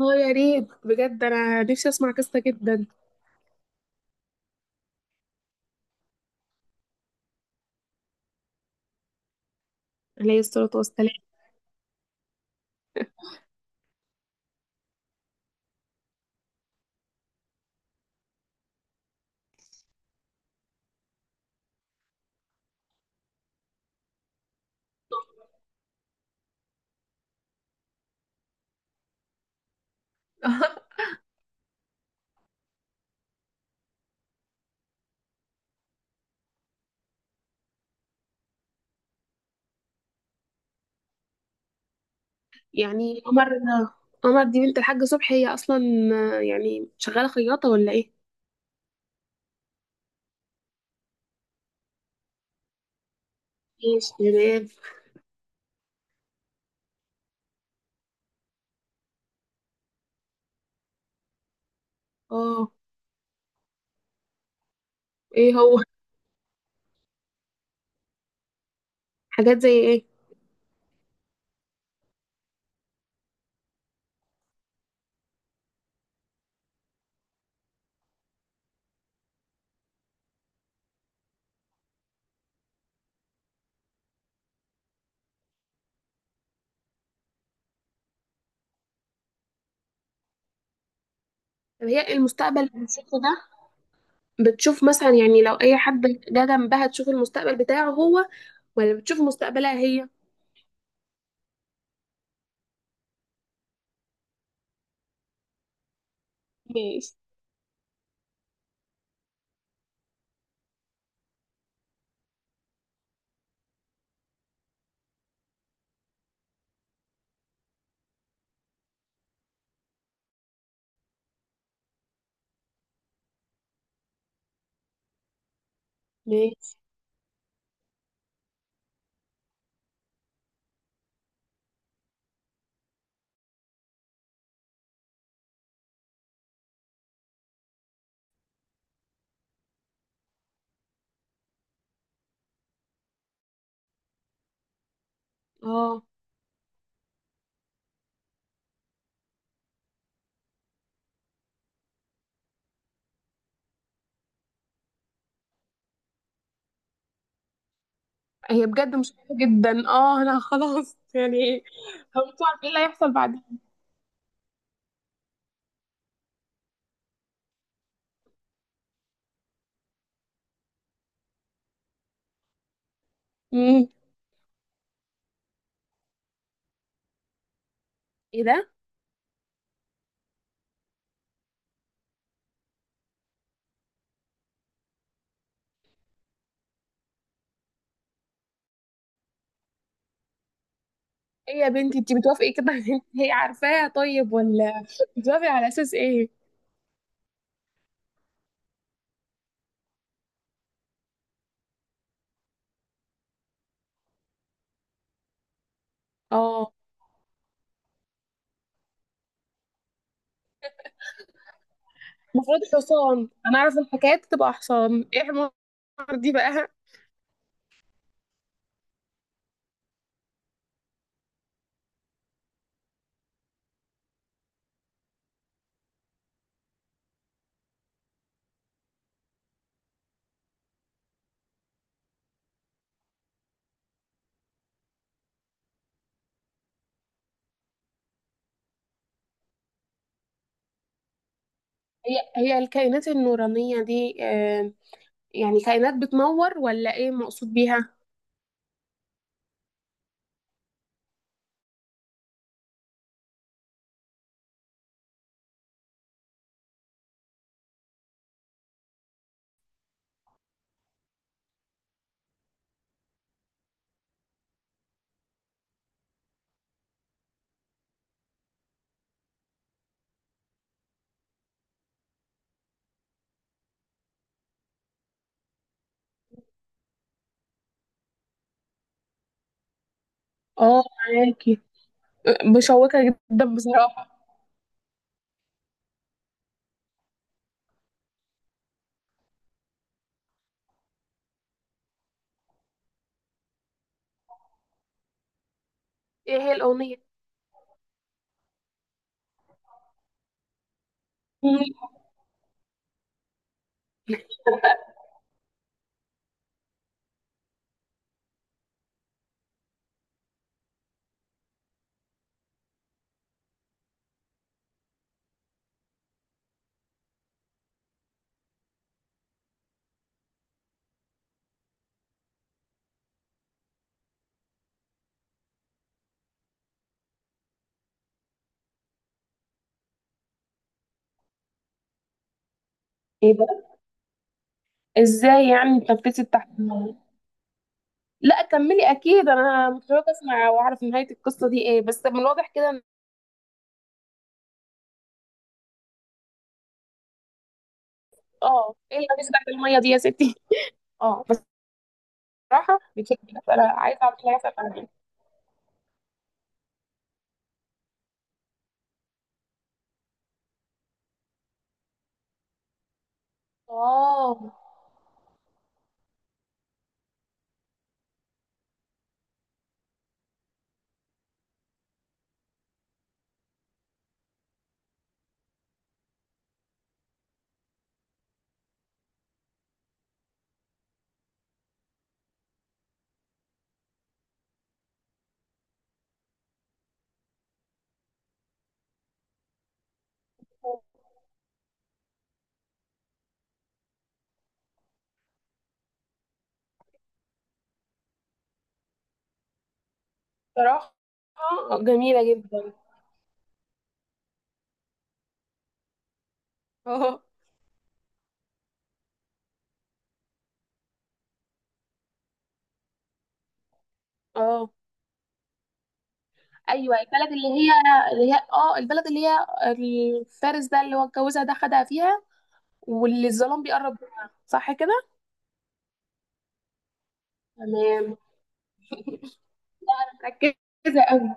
اه يا ريت بجد، انا نفسي اسمع قصه جدا. عليه الصلاه والسلام. يعني قمر، قمر دي بنت الحاج صبحي هي اصلا آه، يعني شغاله خياطه ولا ايه؟ ماشي تمام. اه، ايه هو؟ حاجات زي ايه؟ طب هي المستقبل اللي بتشوفه ده، بتشوف مثلا يعني لو اي حد جه جنبها تشوف المستقبل بتاعه هو، ولا بتشوف مستقبلها هي؟ ماشي. ماشي. اه هي بجد مشكلة جدا، اه انا خلاص يعني هو مش عارف ايه اللي هيحصل. بعدين. ايه ده؟ ايه يا بنتي، انت بتوافقي كده على اللي هي عارفاها؟ طيب ولا بتوافقي على اساس ايه؟ اه المفروض حصان، انا اعرف الحكايات تبقى حصان، ايه حمار؟ دي بقى. هي هي الكائنات النورانية دي آه، يعني كائنات بتنور ولا ايه مقصود بيها؟ اه، معاكي. مشوقة جدا بصراحة. ايه هي الأغنية؟ مم. ايه ده؟ ازاي يعني اتنفست تحت المية؟ لا كملي، اكيد انا متشوقة اسمع واعرف نهاية القصة دي ايه، بس من الواضح كده. اه، ايه اللي بتاعت الميه دي يا ستي؟ اه. بصراحه بتحبي، فانا عايزه اعملها فعلا. اه. بصراحه جميله جدا. اه. اه. ايوه البلد اللي هي، اللي هي اه البلد اللي هي، الفارس ده اللي هو اتجوزها ده خدها فيها، واللي الظلام بيقرب منها، صح كده؟ تمام. مركزه قوي.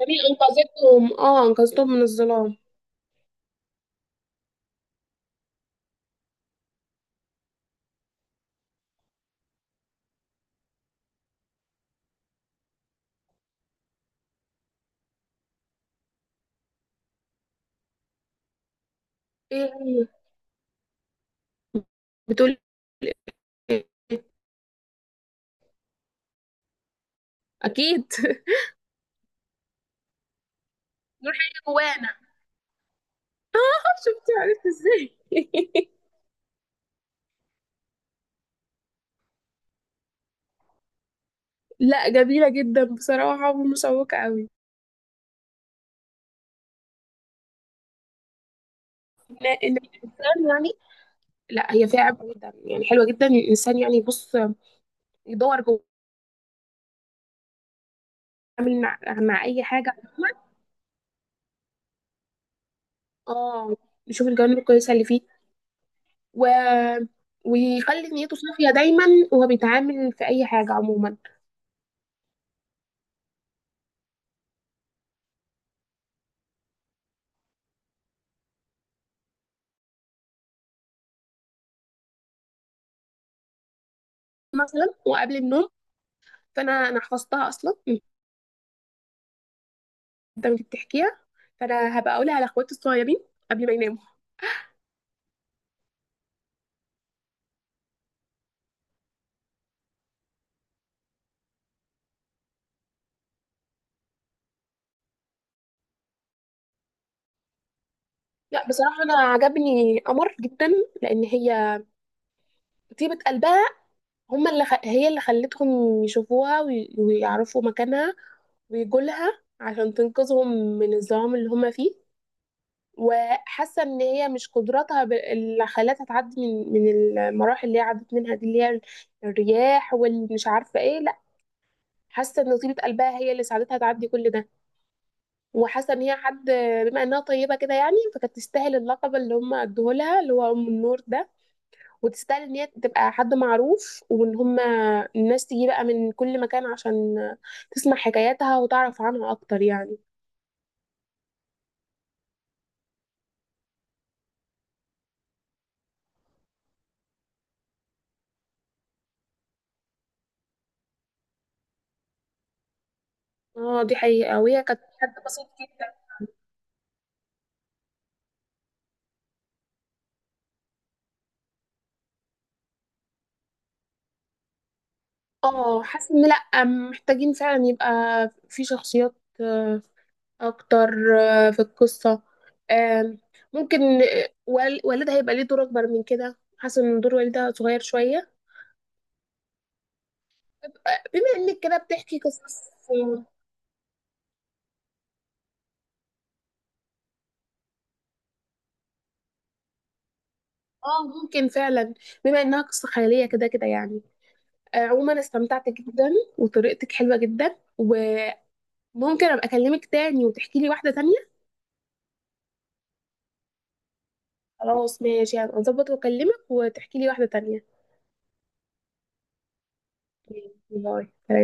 جميل، انقذتهم، اه انقذتهم من الظلام. ايه هي؟ بتقول، ايه؟ اكيد. نور حي جوانا. شفتي عرفت ازاي؟ لا جميلة جدا بصراحة، ومشوقة قوي. إن إن الإنسان يعني، لا هي فيها عبء جدا يعني، حلوة جدا. الإنسان يعني يبص يدور جوه، يعمل مع, مع أي حاجة عموما. اه. يشوف الجوانب الكويسة اللي فيه، و... ويخلي نيته صافية دايما وهو بيتعامل في أي حاجة عموما. مثلا وقبل النوم، فأنا حفظتها أصلا من، أنت بتحكيها، فأنا هبقى أقولها لأخواتي الصغيرين قبل ما يناموا. لا بصراحة أنا عجبني قمر جدا، لأن هي طيبة قلبها. هما اللي خ... هي اللي خلتهم يشوفوها، وي... ويعرفوا مكانها، ويجوا لها عشان تنقذهم من الظلام اللي هما فيه. وحاسة إن هي مش قدراتها ب... اللي خلتها تعدي من المراحل اللي هي عدت منها دي، اللي هي الرياح والمش عارفة إيه، لا حاسة إن طيبة قلبها هي اللي ساعدتها تعدي كل ده. وحاسة إن هي حد، بما إنها طيبة كده يعني، فكانت تستاهل اللقب اللي هما ادوه لها اللي هو أم النور ده. وتستاهل ان هي تبقى حد معروف، وان هما الناس تيجي بقى من كل مكان عشان تسمع حكاياتها وتعرف عنها اكتر يعني. اه دي حقيقة، وهي كانت حد بسيط جدا. اه حاسة ان لأ محتاجين فعلا يبقى في شخصيات آه، اكتر آه، في القصة آم، ممكن آه، وال- والدها يبقى ليه دور اكبر من كده، حاسة ان دور والدها صغير شوية. آه، بما انك كده بتحكي قصص. اه ممكن فعلا، بما انها قصة خيالية كده كده يعني. آه، عموما استمتعت جدا، وطريقتك حلوة جدا، وممكن ابقى اكلمك تاني وتحكي لي واحدة تانية. خلاص ماشي، هبقى اظبط واكلمك وتحكي لي واحدة تانية. باي.